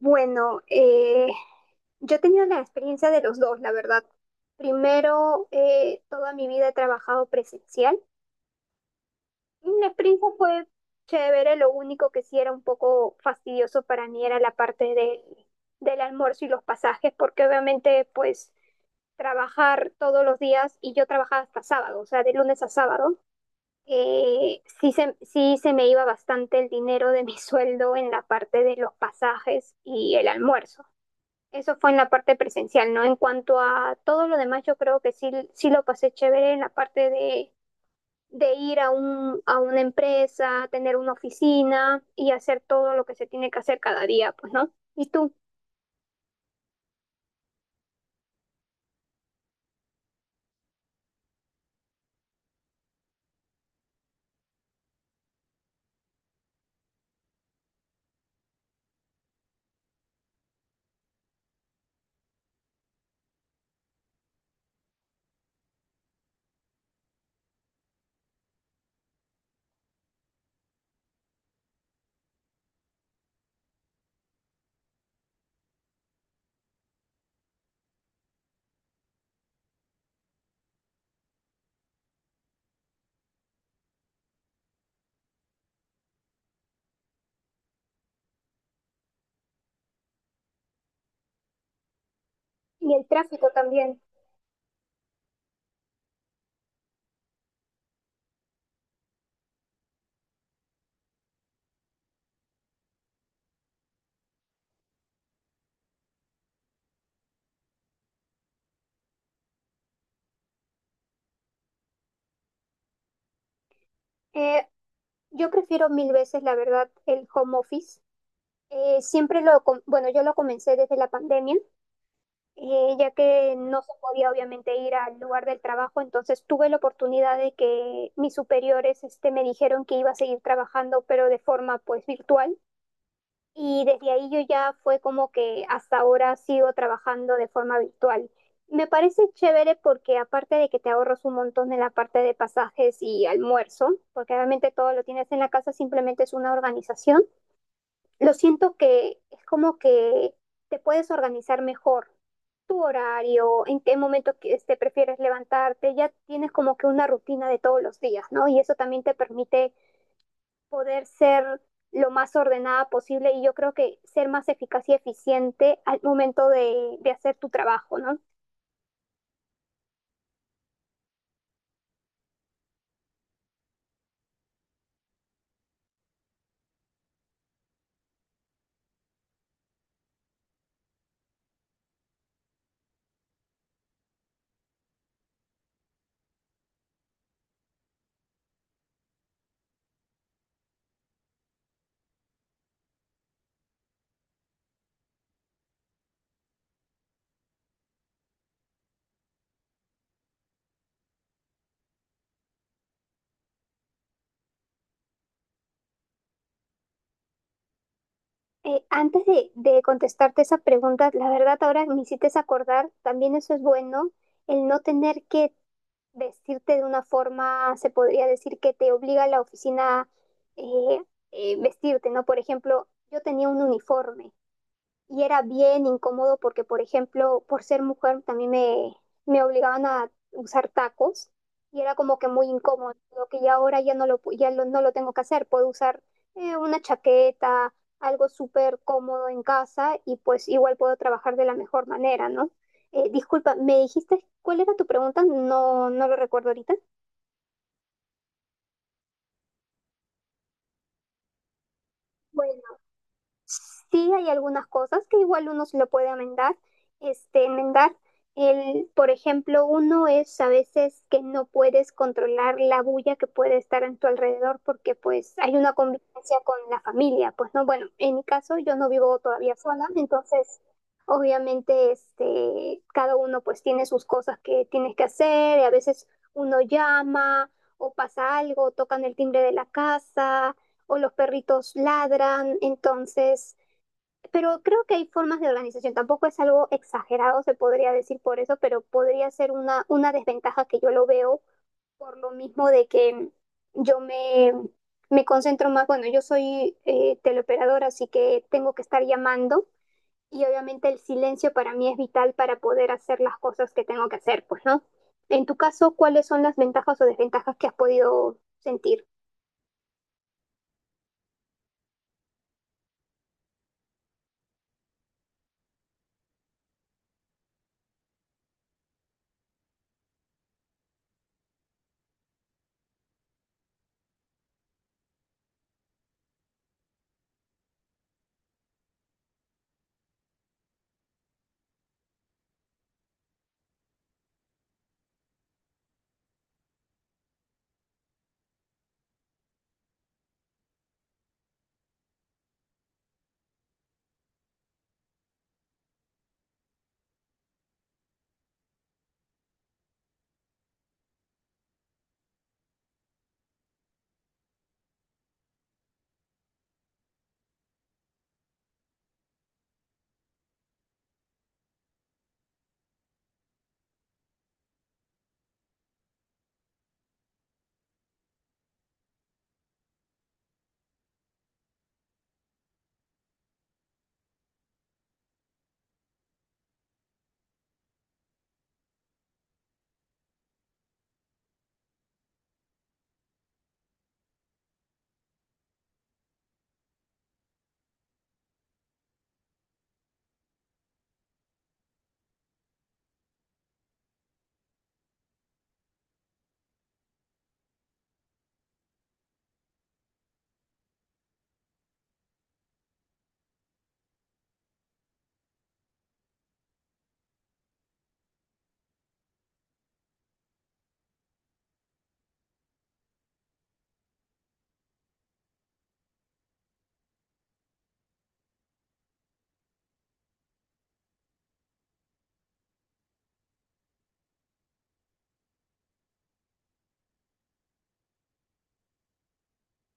Bueno, yo he tenido la experiencia de los dos, la verdad. Primero, toda mi vida he trabajado presencial. La experiencia fue chévere, lo único que sí era un poco fastidioso para mí era del almuerzo y los pasajes, porque obviamente pues trabajar todos los días y yo trabajaba hasta sábado, o sea, de lunes a sábado, sí se me iba bastante el dinero de mi sueldo en la parte de los pasajes y el almuerzo. Eso fue en la parte presencial, ¿no? En cuanto a todo lo demás, yo creo que sí lo pasé chévere en la parte de ir a a una empresa, tener una oficina y hacer todo lo que se tiene que hacer cada día, pues, ¿no? Y tú, y el tráfico también. Eh, yo prefiero mil veces, la verdad, el home office. Bueno, yo lo comencé desde la pandemia, ya que no se podía obviamente ir al lugar del trabajo, entonces tuve la oportunidad de que mis superiores este, me dijeron que iba a seguir trabajando, pero de forma pues virtual. Y desde ahí yo ya fue como que hasta ahora sigo trabajando de forma virtual. Me parece chévere porque aparte de que te ahorras un montón en la parte de pasajes y almuerzo, porque obviamente todo lo tienes en la casa, simplemente es una organización, lo siento que es como que te puedes organizar mejor tu horario, en qué momento que, este, prefieres levantarte, ya tienes como que una rutina de todos los días, ¿no? Y eso también te permite poder ser lo más ordenada posible y yo creo que ser más eficaz y eficiente al momento de hacer tu trabajo, ¿no? Antes de contestarte esa pregunta, la verdad ahora me hiciste acordar, también eso es bueno, el no tener que vestirte de una forma, se podría decir que te obliga a la oficina eh, vestirte, ¿no? Por ejemplo, yo tenía un uniforme y era bien incómodo porque, por ejemplo, por ser mujer también me obligaban a usar tacos y era como que muy incómodo, lo que ya ahora ya no lo, pu- ya lo- no lo tengo que hacer, puedo usar una chaqueta, algo súper cómodo en casa y pues igual puedo trabajar de la mejor manera, ¿no? Disculpa, ¿me dijiste cuál era tu pregunta? No, no lo recuerdo ahorita. Sí hay algunas cosas que igual uno se lo puede enmendar. El, por ejemplo, uno es a veces que no puedes controlar la bulla que puede estar en tu alrededor porque pues hay una convivencia con la familia. Pues no, bueno, en mi caso yo no vivo todavía sola, entonces obviamente este, cada uno pues tiene sus cosas que tienes que hacer, y a veces uno llama o pasa algo, tocan el timbre de la casa o los perritos ladran, entonces, pero creo que hay formas de organización, tampoco es algo exagerado, se podría decir por eso, pero podría ser una desventaja que yo lo veo por lo mismo de que yo me, me concentro más, bueno, yo soy teleoperadora, así que tengo que estar llamando y obviamente el silencio para mí es vital para poder hacer las cosas que tengo que hacer, pues, ¿no? En tu caso, ¿cuáles son las ventajas o desventajas que has podido sentir?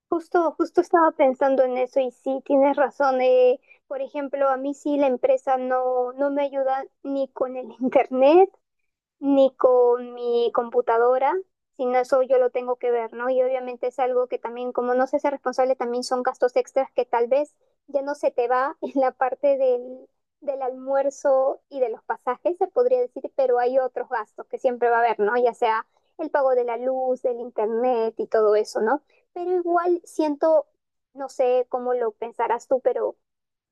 Justo estaba pensando en eso y sí, tienes razón. Por ejemplo, a mí sí la empresa no me ayuda ni con el internet, ni con mi computadora, sino eso yo lo tengo que ver, ¿no? Y obviamente es algo que también, como no se hace responsable, también son gastos extras que tal vez ya no se te va en la parte del almuerzo y de los pasajes, se podría decir, pero hay otros gastos que siempre va a haber, ¿no? Ya sea el pago de la luz, del internet y todo eso, ¿no? Pero igual siento, no sé cómo lo pensarás tú, pero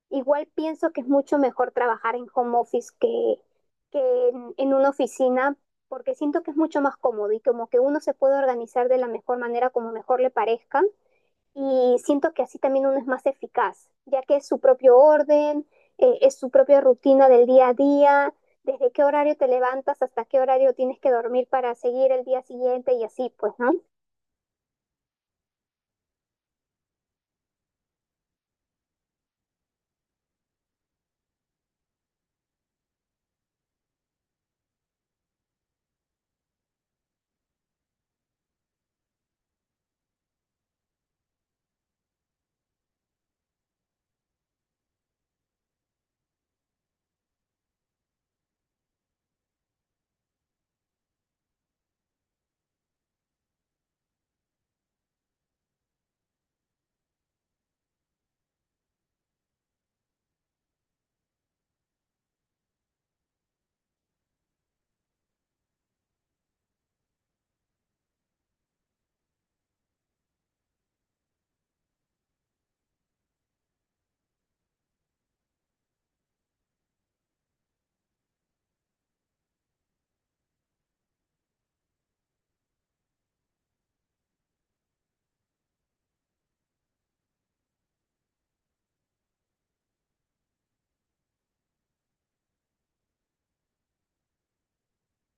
igual pienso que es mucho mejor trabajar en home office que en una oficina, porque siento que es mucho más cómodo y como que uno se puede organizar de la mejor manera como mejor le parezca. Y siento que así también uno es más eficaz, ya que es su propio orden, es su propia rutina del día a día, desde qué horario te levantas hasta qué horario tienes que dormir para seguir el día siguiente y así, pues, ¿no?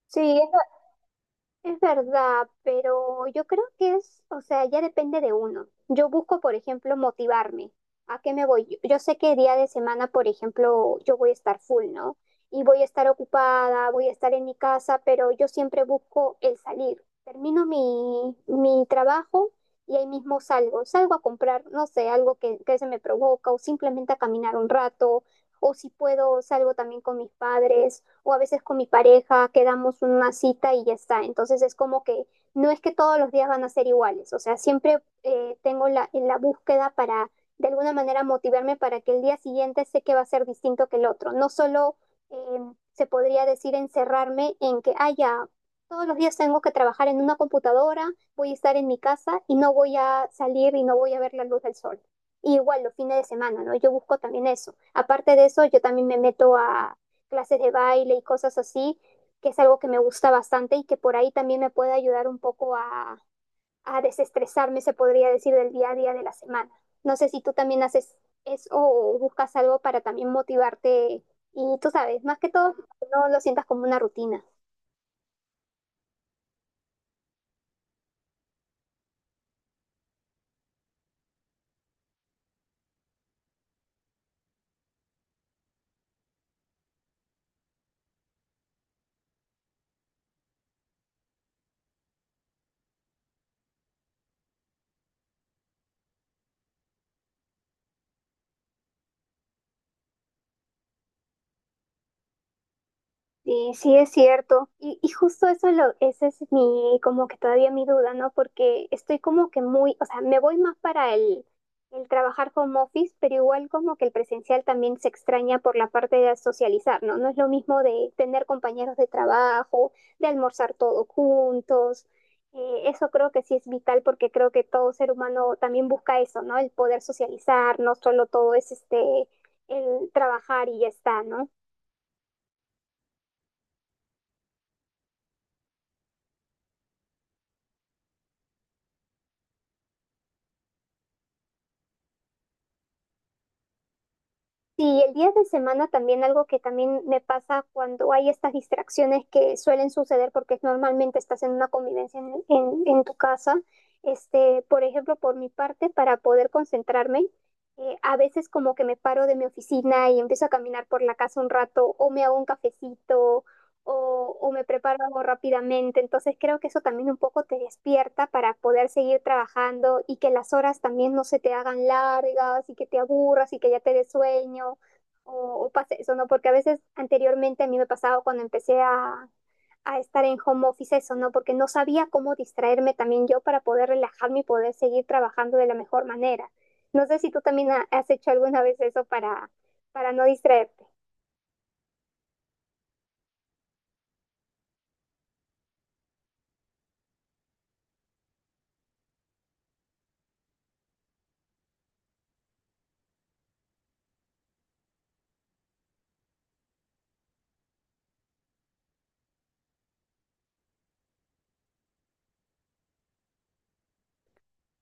Sí, es verdad, pero yo creo que es, o sea, ya depende de uno. Yo busco, por ejemplo, motivarme. ¿A qué me voy? Yo sé que día de semana, por ejemplo, yo voy a estar full, ¿no? Y voy a estar ocupada, voy a estar en mi casa, pero yo siempre busco el salir. Termino mi trabajo y ahí mismo salgo. Salgo a comprar, no sé, algo que se me provoca o simplemente a caminar un rato. O si puedo, salgo también con mis padres o a veces con mi pareja quedamos una cita y ya está. Entonces es como que no es que todos los días van a ser iguales, o sea, siempre en la búsqueda para de alguna manera motivarme para que el día siguiente sé que va a ser distinto que el otro. No solo eh, se podría decir encerrarme en que, ah, ya, todos los días tengo que trabajar en una computadora, voy a estar en mi casa y no voy a salir y no voy a ver la luz del sol. Y igual los fines de semana, ¿no? Yo busco también eso. Aparte de eso, yo también me meto clases de baile y cosas así, que es algo que me gusta bastante y que por ahí también me puede ayudar un poco a desestresarme, se podría decir, del día a día de la semana. No sé si tú también haces eso o buscas algo para también motivarte y tú sabes, más que todo, no lo sientas como una rutina. Sí, sí es cierto. Y justo eso es lo, ese es mi, como que todavía mi duda, ¿no? Porque estoy como que muy, o sea, me voy más para el trabajar home office, pero igual como que el presencial también se extraña por la parte de socializar, ¿no? No es lo mismo de tener compañeros de trabajo, de almorzar todos juntos. Eso creo que sí es vital porque creo que todo ser humano también busca eso, ¿no? El poder socializar, no solo todo es este, el trabajar y ya está, ¿no? Sí, el día de semana también algo que también me pasa cuando hay estas distracciones que suelen suceder porque normalmente estás en una convivencia en tu casa. Este, por ejemplo, por mi parte, para poder concentrarme, a veces como que me paro de mi oficina y empiezo a caminar por la casa un rato o me hago un cafecito o me preparo algo rápidamente. Entonces creo que eso también un poco te despierta para poder seguir trabajando y que las horas también no se te hagan largas y que te aburras y que ya te des sueño o pase eso, ¿no? Porque a veces anteriormente a mí me pasaba cuando empecé a estar en home office eso, ¿no? Porque no sabía cómo distraerme también yo para poder relajarme y poder seguir trabajando de la mejor manera. No sé si tú también has hecho alguna vez eso para no distraerte.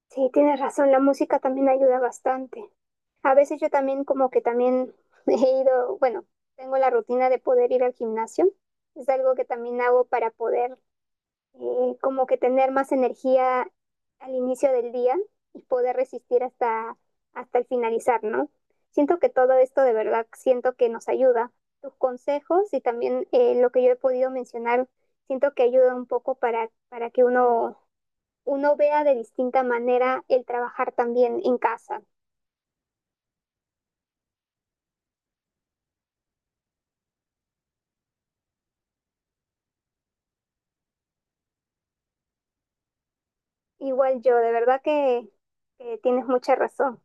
Sí, tienes razón, la música también ayuda bastante. A veces yo también como que también he ido, bueno, tengo la rutina de poder ir al gimnasio. Es algo que también hago para poder como que tener más energía al inicio del día y poder resistir hasta el finalizar, ¿no? Siento que todo esto de verdad siento que nos ayuda. Tus consejos y también lo que yo he podido mencionar, siento que ayuda un poco para que uno vea de distinta manera el trabajar también en casa. Igual yo, de verdad que tienes mucha razón.